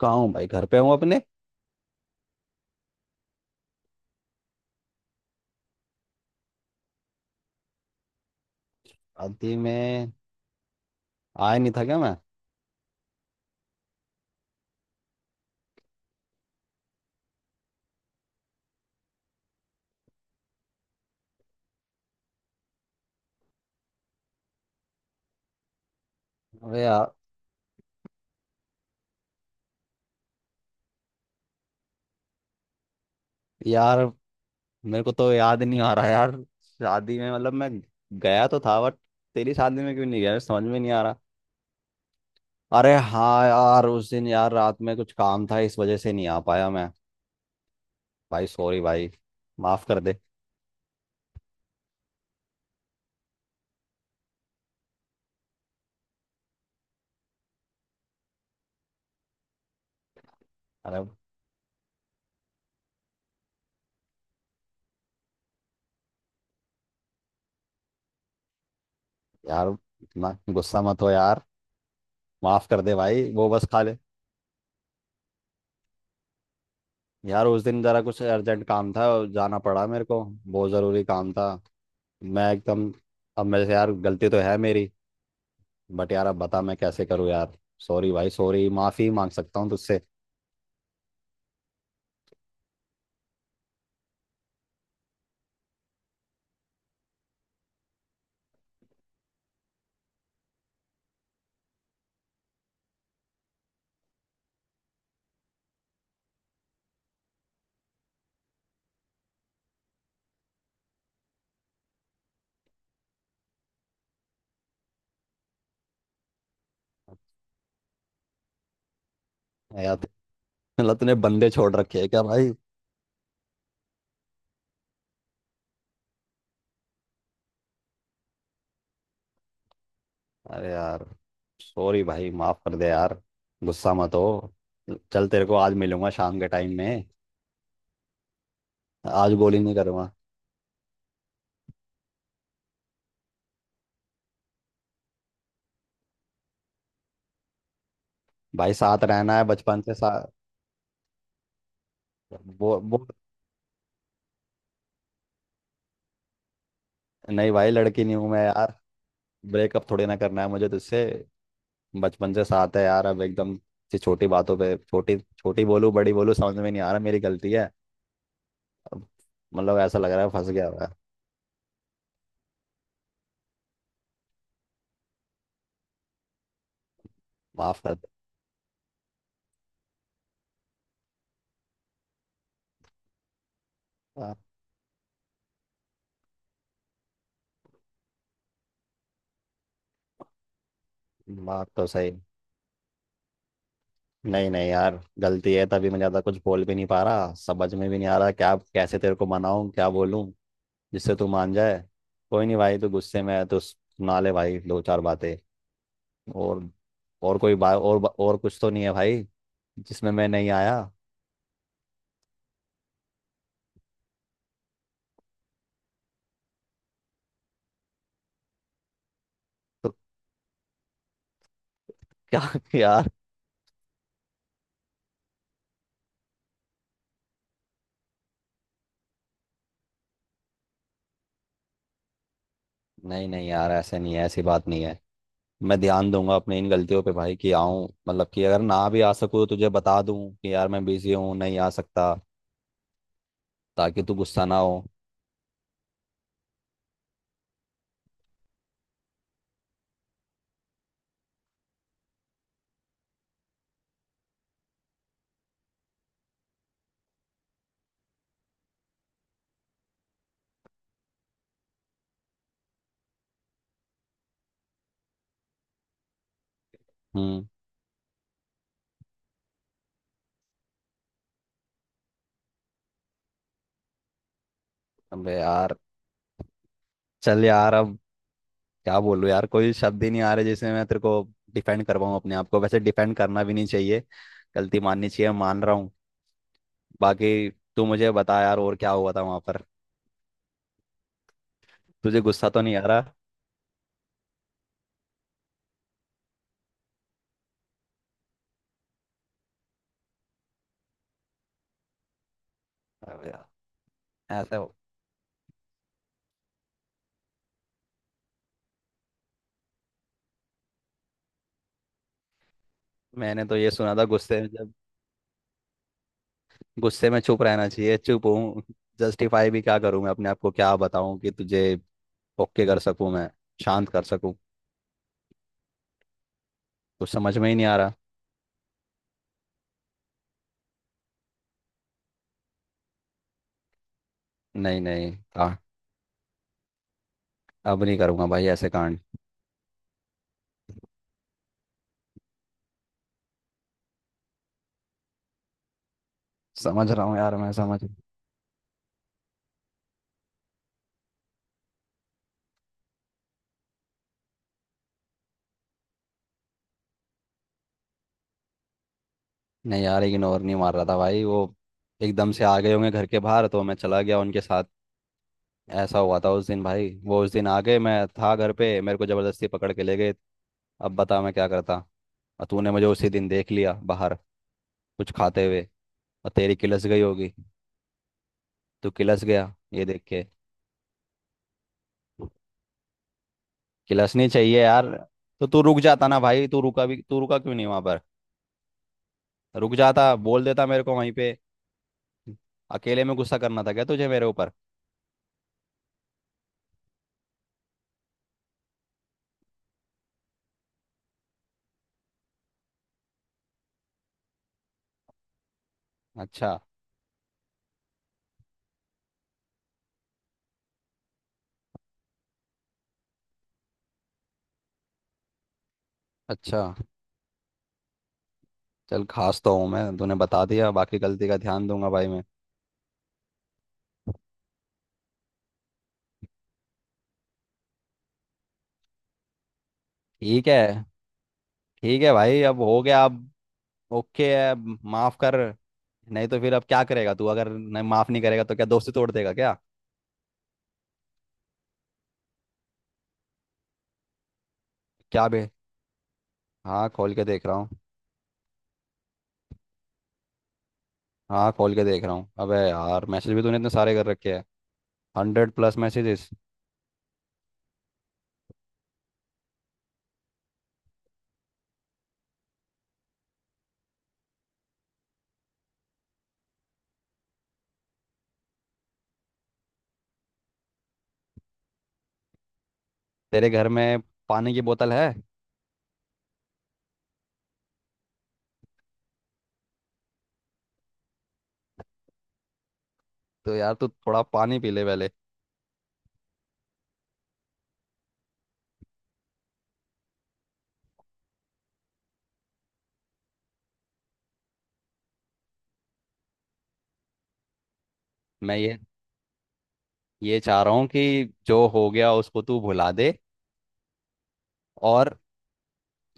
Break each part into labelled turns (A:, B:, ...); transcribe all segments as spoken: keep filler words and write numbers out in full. A: कहाँ हूँ भाई। घर पे हूँ अपने। शादी में आया नहीं था क्या मैं। अबे यार यार, मेरे को तो याद नहीं आ रहा यार। शादी में मतलब मैं गया तो था बट तेरी शादी में क्यों नहीं गया समझ में नहीं आ रहा। अरे हाँ यार, उस दिन यार रात में कुछ काम था, इस वजह से नहीं आ पाया मैं। भाई सॉरी भाई, माफ कर दे। अरे यार, इतना गुस्सा मत हो यार। माफ कर दे भाई, वो बस खा ले। यार उस दिन जरा कुछ अर्जेंट काम था, जाना पड़ा मेरे को, बहुत ज़रूरी काम था। मैं एकदम। अब मेरे से यार गलती तो है मेरी, बट यार अब बता मैं कैसे करूँ यार। सॉरी भाई सॉरी, माफी मांग सकता हूँ तुझसे। यार मतलब तूने बंदे छोड़ रखे हैं क्या भाई। अरे यार, सॉरी भाई, माफ कर दे यार। गुस्सा मत हो। चल तेरे को आज मिलूंगा शाम के टाइम में। आज गोली नहीं करूंगा। भाई साथ रहना है, बचपन से साथ। वो वो नहीं भाई, लड़की नहीं हूं मैं यार। ब्रेकअप थोड़ी ना करना है मुझे तुझसे। बचपन से साथ है यार, अब एकदम से छोटी बातों पे छोटी छोटी बोलूं बड़ी बोलूं समझ में नहीं आ रहा, मेरी गलती है। अब मतलब ऐसा लग रहा है फंस गया हुआ है। माफ कर दे। आ, बात तो सही। नहीं नहीं यार गलती है, तभी मैं ज्यादा कुछ बोल भी नहीं पा रहा, समझ में भी नहीं आ रहा क्या कैसे तेरे को मनाऊं, क्या बोलूं जिससे तू मान जाए। कोई नहीं भाई, तू गुस्से में है तो सुना ले भाई दो चार बातें। और और कोई बात, और और कुछ तो नहीं है भाई जिसमें मैं नहीं आया। तो क्या यार। नहीं नहीं यार, ऐसे नहीं है, ऐसी बात नहीं है। मैं ध्यान दूंगा अपनी इन गलतियों पे भाई, कि आऊं, मतलब कि अगर ना भी आ सकूं तो तुझे बता दूं कि यार मैं बिजी हूँ, नहीं आ सकता, ताकि तू गुस्सा ना हो। हम्म अबे यार, चल यार अब क्या बोलूं यार, कोई शब्द ही नहीं आ रहे जिसमें मैं तेरे को डिफेंड कर पाऊं अपने आप को। वैसे डिफेंड करना भी नहीं चाहिए, गलती माननी चाहिए, मान रहा हूँ। बाकी तू मुझे बता यार और क्या हुआ था वहां पर। तुझे गुस्सा तो नहीं आ रहा। अबे यार, ऐसा हो- मैंने तो ये सुना था गुस्से में जब गुस्से में चुप रहना चाहिए, चुप हूँ। जस्टिफाई भी क्या करूँ मैं अपने आप को, क्या बताऊँ कि तुझे ओके कर सकूँ मैं, शांत कर सकूँ। कुछ समझ में ही नहीं आ रहा। नहीं नहीं कहा, अब नहीं करूँगा भाई ऐसे कांड। समझ रहा हूँ यार, मैं समझ। नहीं यार इग्नोर नहीं मार रहा था भाई, वो एकदम से आ गए होंगे घर के बाहर, तो मैं चला गया उनके साथ। ऐसा हुआ था उस दिन भाई, वो उस दिन आ गए, मैं था घर पे, मेरे को ज़बरदस्ती पकड़ के ले गए। अब बता मैं क्या करता। और तूने मुझे उसी दिन देख लिया बाहर कुछ खाते हुए, और तेरी किलस गई होगी, तू किलस गया ये देख के। किलस नहीं चाहिए यार। तो तू रुक जाता ना भाई, तू रुका भी, तू रुका क्यों नहीं वहां पर। रुक जाता, बोल देता मेरे को वहीं पे। अकेले में गुस्सा करना था क्या तुझे मेरे ऊपर। अच्छा। अच्छा चल, खास तो हूँ मैं, तूने बता दिया। बाकी गलती का ध्यान दूंगा भाई मैं। ठीक है। ठीक है भाई अब हो गया, अब ओके है, अब माफ कर। नहीं तो फिर अब क्या करेगा तू, अगर नहीं माफ नहीं करेगा तो क्या दोस्ती तोड़ देगा क्या। क्या बे। हाँ खोल के देख रहा हूँ। हाँ खोल के देख रहा हूँ, अबे यार मैसेज भी तूने इतने सारे कर रखे हैं। Hundred plus messages. तेरे घर में पानी की बोतल है। तो यार तू थोड़ा पानी पी ले पहले। मैं ये ये चाह रहा हूँ कि जो हो गया उसको तू भुला दे। और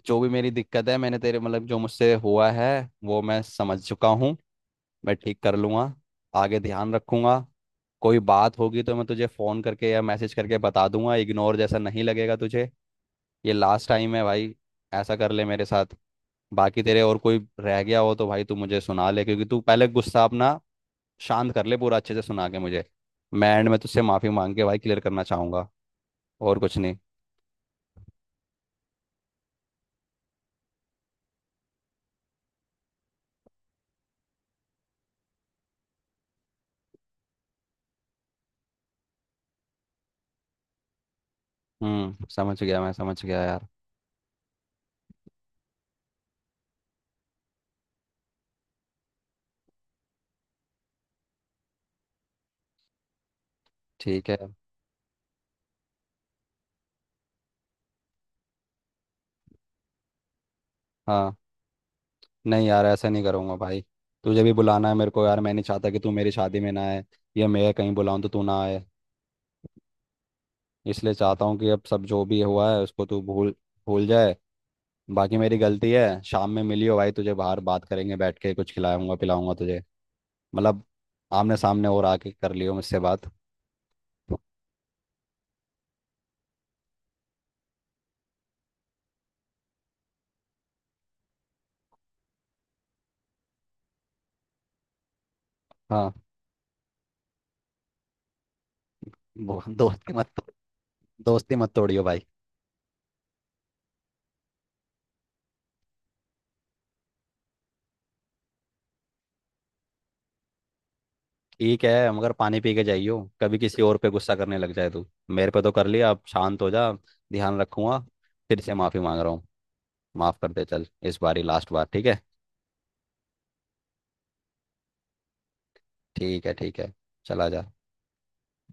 A: जो भी मेरी दिक्कत है, मैंने तेरे मतलब जो मुझसे हुआ है, वो मैं समझ चुका हूँ, मैं ठीक कर लूँगा, आगे ध्यान रखूँगा। कोई बात होगी तो मैं तुझे फ़ोन करके या मैसेज करके बता दूंगा, इग्नोर जैसा नहीं लगेगा तुझे। ये लास्ट टाइम है भाई, ऐसा कर ले मेरे साथ। बाकी तेरे और कोई रह गया हो तो भाई तू मुझे सुना ले, क्योंकि तू पहले गुस्सा अपना शांत कर ले पूरा, अच्छे से सुना के मुझे। मैं एंड में तुझसे माफी मांग के भाई क्लियर करना चाहूंगा, और कुछ नहीं। हम्म समझ गया, मैं समझ गया यार। ठीक है। हाँ, नहीं यार ऐसा नहीं करूंगा भाई। तुझे भी बुलाना है मेरे को यार, मैं नहीं चाहता कि तू मेरी शादी में ना आए, या मैं कहीं बुलाऊं तो तू ना आए। इसलिए चाहता हूँ कि अब सब जो भी हुआ है उसको तू भूल भूल जाए। बाकी मेरी गलती है। शाम में मिलियो भाई, तुझे बाहर बात करेंगे बैठ के, कुछ खिलाऊंगा पिलाऊंगा तुझे। मतलब आमने सामने, और आके कर लियो मुझसे बात। हाँ, वो दोस्त की मदद, दोस्ती मत तोड़ियो भाई। ठीक है, मगर पानी पी के जाइयो, कभी किसी और पे गुस्सा करने लग जाए। तू मेरे पे तो कर लिया, अब शांत हो जा। ध्यान रखूंगा, फिर से माफी मांग रहा हूँ। माफ कर दे, चल इस बार ही लास्ट बार, ठीक है। ठीक है, ठीक है, चला जा।